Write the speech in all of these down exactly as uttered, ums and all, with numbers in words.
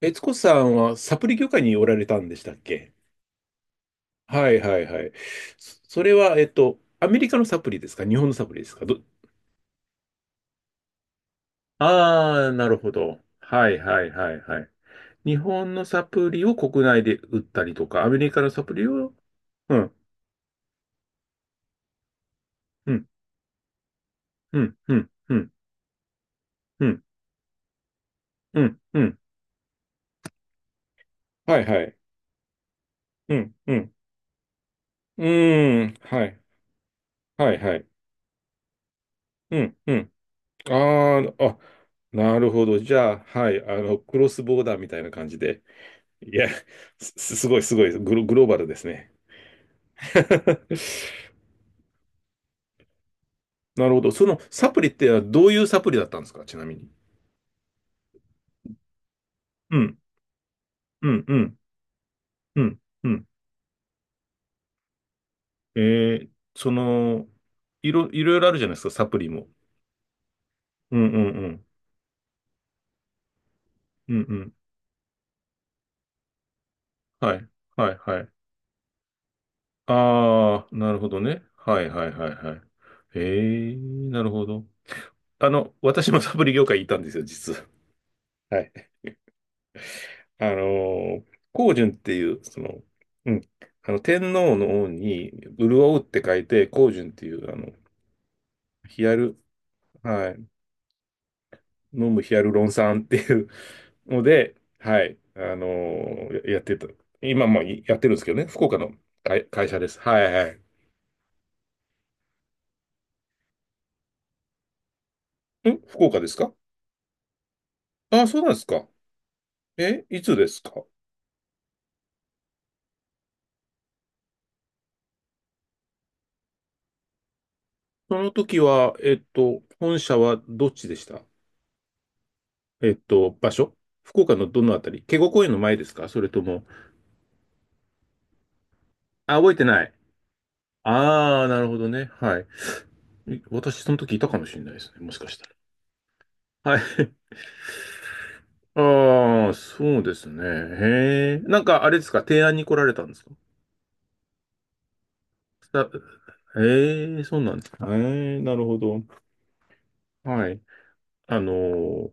悦子さんはサプリ業界におられたんでしたっけ？はいはいはい。そそれは、えっと、アメリカのサプリですか？日本のサプリですか？ど、ああ、なるほど。はいはいはいはい。日本のサプリを国内で売ったりとか、アメリカのサプリを、うん、うん、うん、うん、うん、うん、うん、うん、はいはい。うん、うん、うーん、はい、はいはい。うん、うん。ああ、あ、なるほど。じゃあ、はい、あの、クロスボーダーみたいな感じで。いや、す、すごいすごい、グロ、グローバルですね。なるほど。そのサプリってどういうサプリだったんですか、ちなみに？うん、うん、うん、うん、うん。えー、その、いろ、いろいろあるじゃないですか、サプリも。うん、うん、うん、うん、うん。はい、はい、はい。ああ、なるほどね。はい、はい、はい、はい。えー、なるほど。あの、私もサプリ業界にいたんですよ、実は。はい。あの、光順っていう、その、うん、あの、天皇の王に、潤うって書いて、光順っていう、あの、ヒアル、はい、飲むヒアルロン酸っていうので、はい、あの、ややってた。今もやってるんですけどね、福岡の会、会社です。はいはい。ん福岡ですか？あ、そうなんですか。え、いつですか？その時は、えっと、本社はどっちでした？えっと、場所、福岡のどのあたり？警固公園の前ですか？それとも、あ、覚えてない。ああ、なるほどね。はい。い私、その時いたかもしれないですね。もしかしたら。はい。ああ、そうですね。へえ。なんか、あれですか、提案に来られたんですか？さへえ、そうなんですか。へえ、なるほど。はい。あの、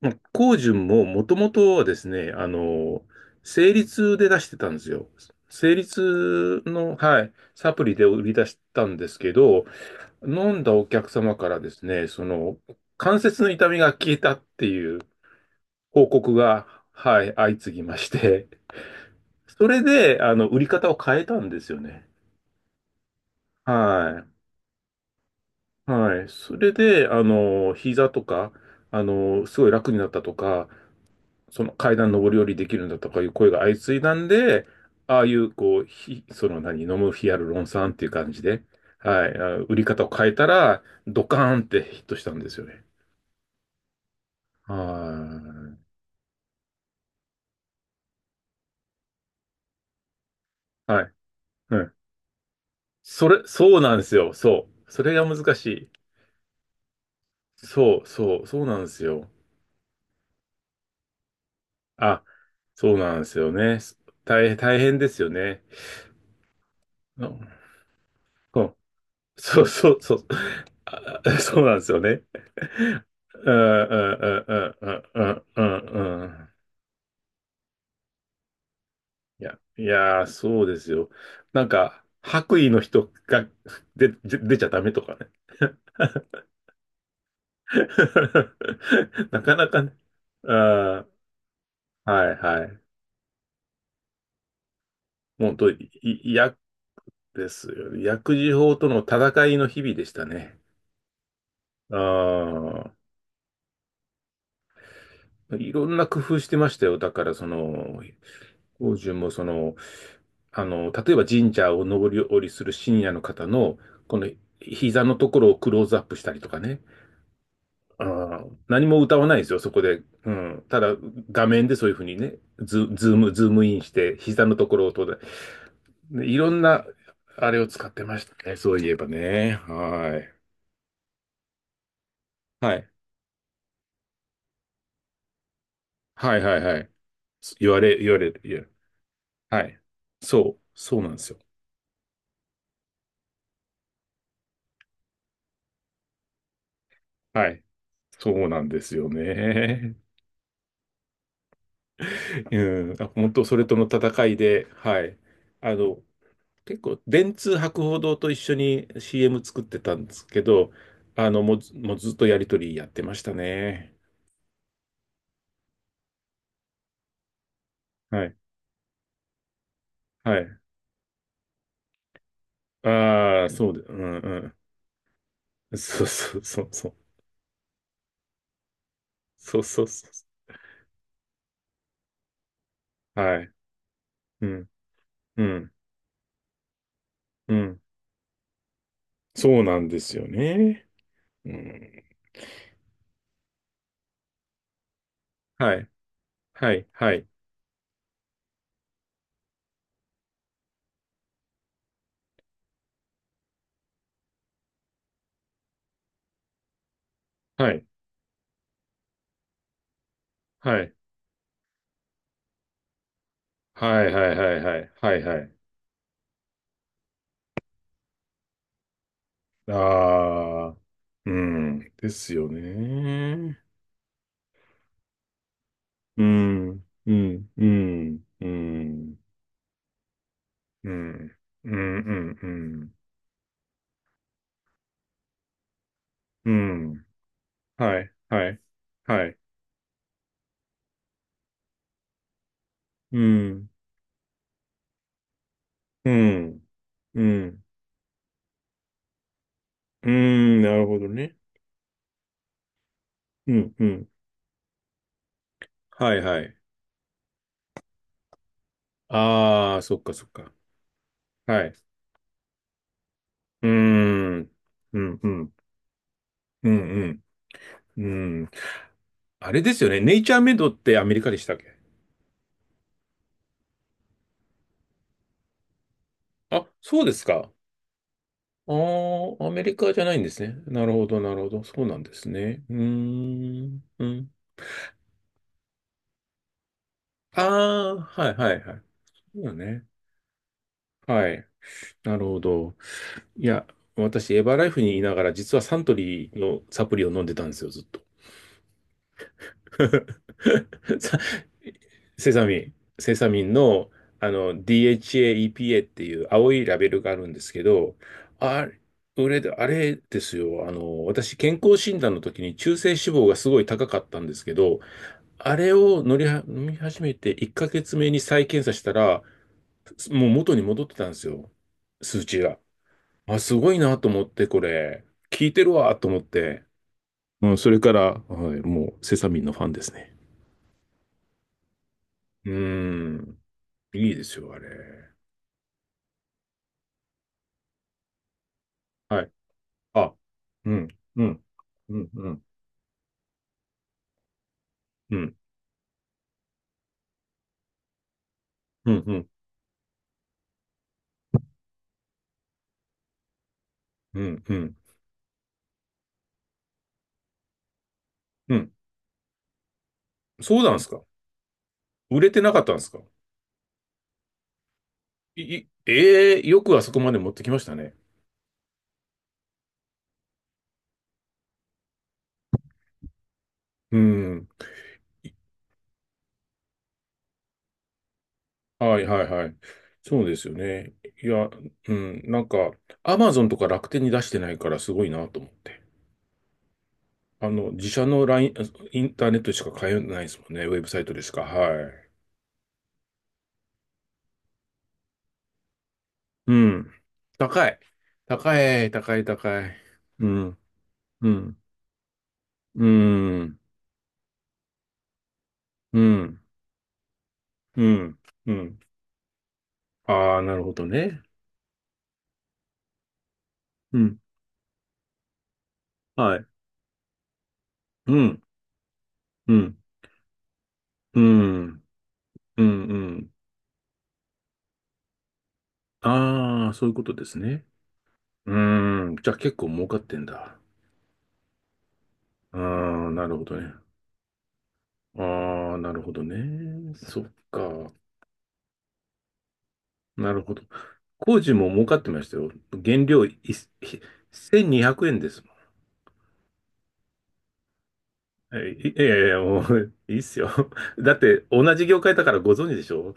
ま光純ももともとはですね、あの、成立で出してたんですよ。成立の、はい、サプリで売り出したんですけど、飲んだお客様からですね、その、関節の痛みが消えたっていう報告が、はい、相次ぎまして、それで、あの、売り方を変えたんですよね。はい。はい。それで、あの、膝とか、あの、すごい楽になったとか、その階段上り下りできるんだとかいう声が相次いだんで、ああいう、こう、ひ、その何、飲むヒアルロン酸っていう感じで、はい、あ売り方を変えたら、ドカーンってヒットしたんですよね。はい。はい、うん。それ、そうなんですよ。そう。それが難しい。そう、そう、そうなんですよ。あ、そうなんですよね。大変、大変ですよね。うん、うん、そう、そう、そう、ああ、そうなんですよね。うん、うん、うん、うん、うん、うん。うん、いや、いやー、そうですよ。なんか、白衣の人が出、出出ちゃダメとかね。なかなかね。あー、はい、はい。本当、いいや、ですよね。薬事法との戦いの日々でしたね。ああ、いろんな工夫してましたよ。だから、その、法順もその、あの、例えば神社を上り下りする深夜の方の、この膝のところをクローズアップしたりとかね。ああ、何も歌わないですよ、そこで。うん。ただ、画面でそういうふうにね、ズ、ズーム、ズームインして、膝のところを、と、ね。いろんな、あれを使ってましたね、そういえばね。はい。はい。はいはいはい。言われ、言われる、言われる。はい。そう、そうなんですよ。はい。そうなんですよね。うん。あ本当、それとの戦いで、はい。あの、結構、電通博報堂と一緒に シーエム 作ってたんですけど、あの、もうず、もうずっとやりとりやってましたね。はい。はい。ああ、そうで、うんうん。そうそうそうそう。そうそうそう。はい。うん、うん、うん。そうなんですよね。うん。はい。はい、はい、はい、はい、はい、はい、はい、はい、はい、はい。ああ、うん、ですよね。うん、うん、うん、うん、うん、うん、うん、うん、うん、はい、はい、はい、うん、うん、うん、うん、なるほどね。うん、うん、はい、はい。ああ、そっか、そっか。はい。うーん、うん、うん、うん、うん、うん。あれですよね。ネイチャーメイドってアメリカでしたっけ？あ、そうですか。ああ、アメリカじゃないんですね。なるほど、なるほど。そうなんですね。うーん。うん。ああ、はいはいはい。そうだね。はい。なるほど。いや、私、エバーライフにいながら、実はサントリーのサプリを飲んでたんですよ、ずっと。さセサミン、セサミンの、あの ディーエイチエー、イーピーエー っていう青いラベルがあるんですけど、あれ、あれですよ、あの、私、健康診断の時に中性脂肪がすごい高かったんですけど、あれを乗りは飲み始めていっかげつめに再検査したら、もう元に戻ってたんですよ、数値が。あ、すごいなと思って、これ、効いてるわと思って、うん、それから、はい、もうセサミンのファンですね。うーん。いいですよ、あれ。はい。あ、うん、うん、うん、うん、うん、うん、うん、うん、うん。うん、そうなんですか？売れてなかったんですか？い、いええ、よくあそこまで持ってきましたね。うん。いはい、はい、はい。そうですよね。いや、うん、なんか、アマゾンとか楽天に出してないからすごいなと思って。あの、自社のライン、インターネットでしか買えないですもんね。ウェブサイトでしか。はい。うん。高い。高い、高い、高い。うん。うん、うん、うん、うん、うん。ああ、なるほどね。うん、はい。うん、うん、うん、うん、うん。ああ、そういうことですね。うーん、じゃあ結構儲かってんだ。ああ、なるほどね。ああ、なるほどね。そっか。なるほど。工事も儲かってましたよ。原料いせんにひゃくえんですもん。え、いいやいやいや、もういいっすよ。だって同じ業界だからご存知でしょ？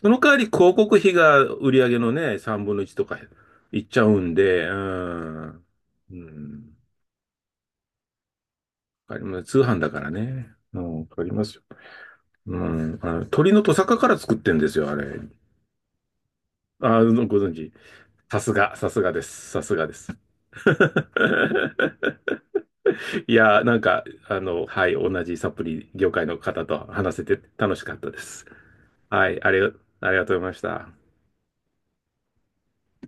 その代わり広告費が売り上げのね、さんぶんのいちとかいっちゃうんで、うん。うん。わかります。通販だからね。うん、わかりますよ。うん。あの、鶏のトサカから作ってんですよ、あれ。あ、ご存知。さすが、さすがです。さすがです。いや、なんか、あの、はい、同じサプリ業界の方と話せて楽しかったです。はい、ありが、ありがとうございました。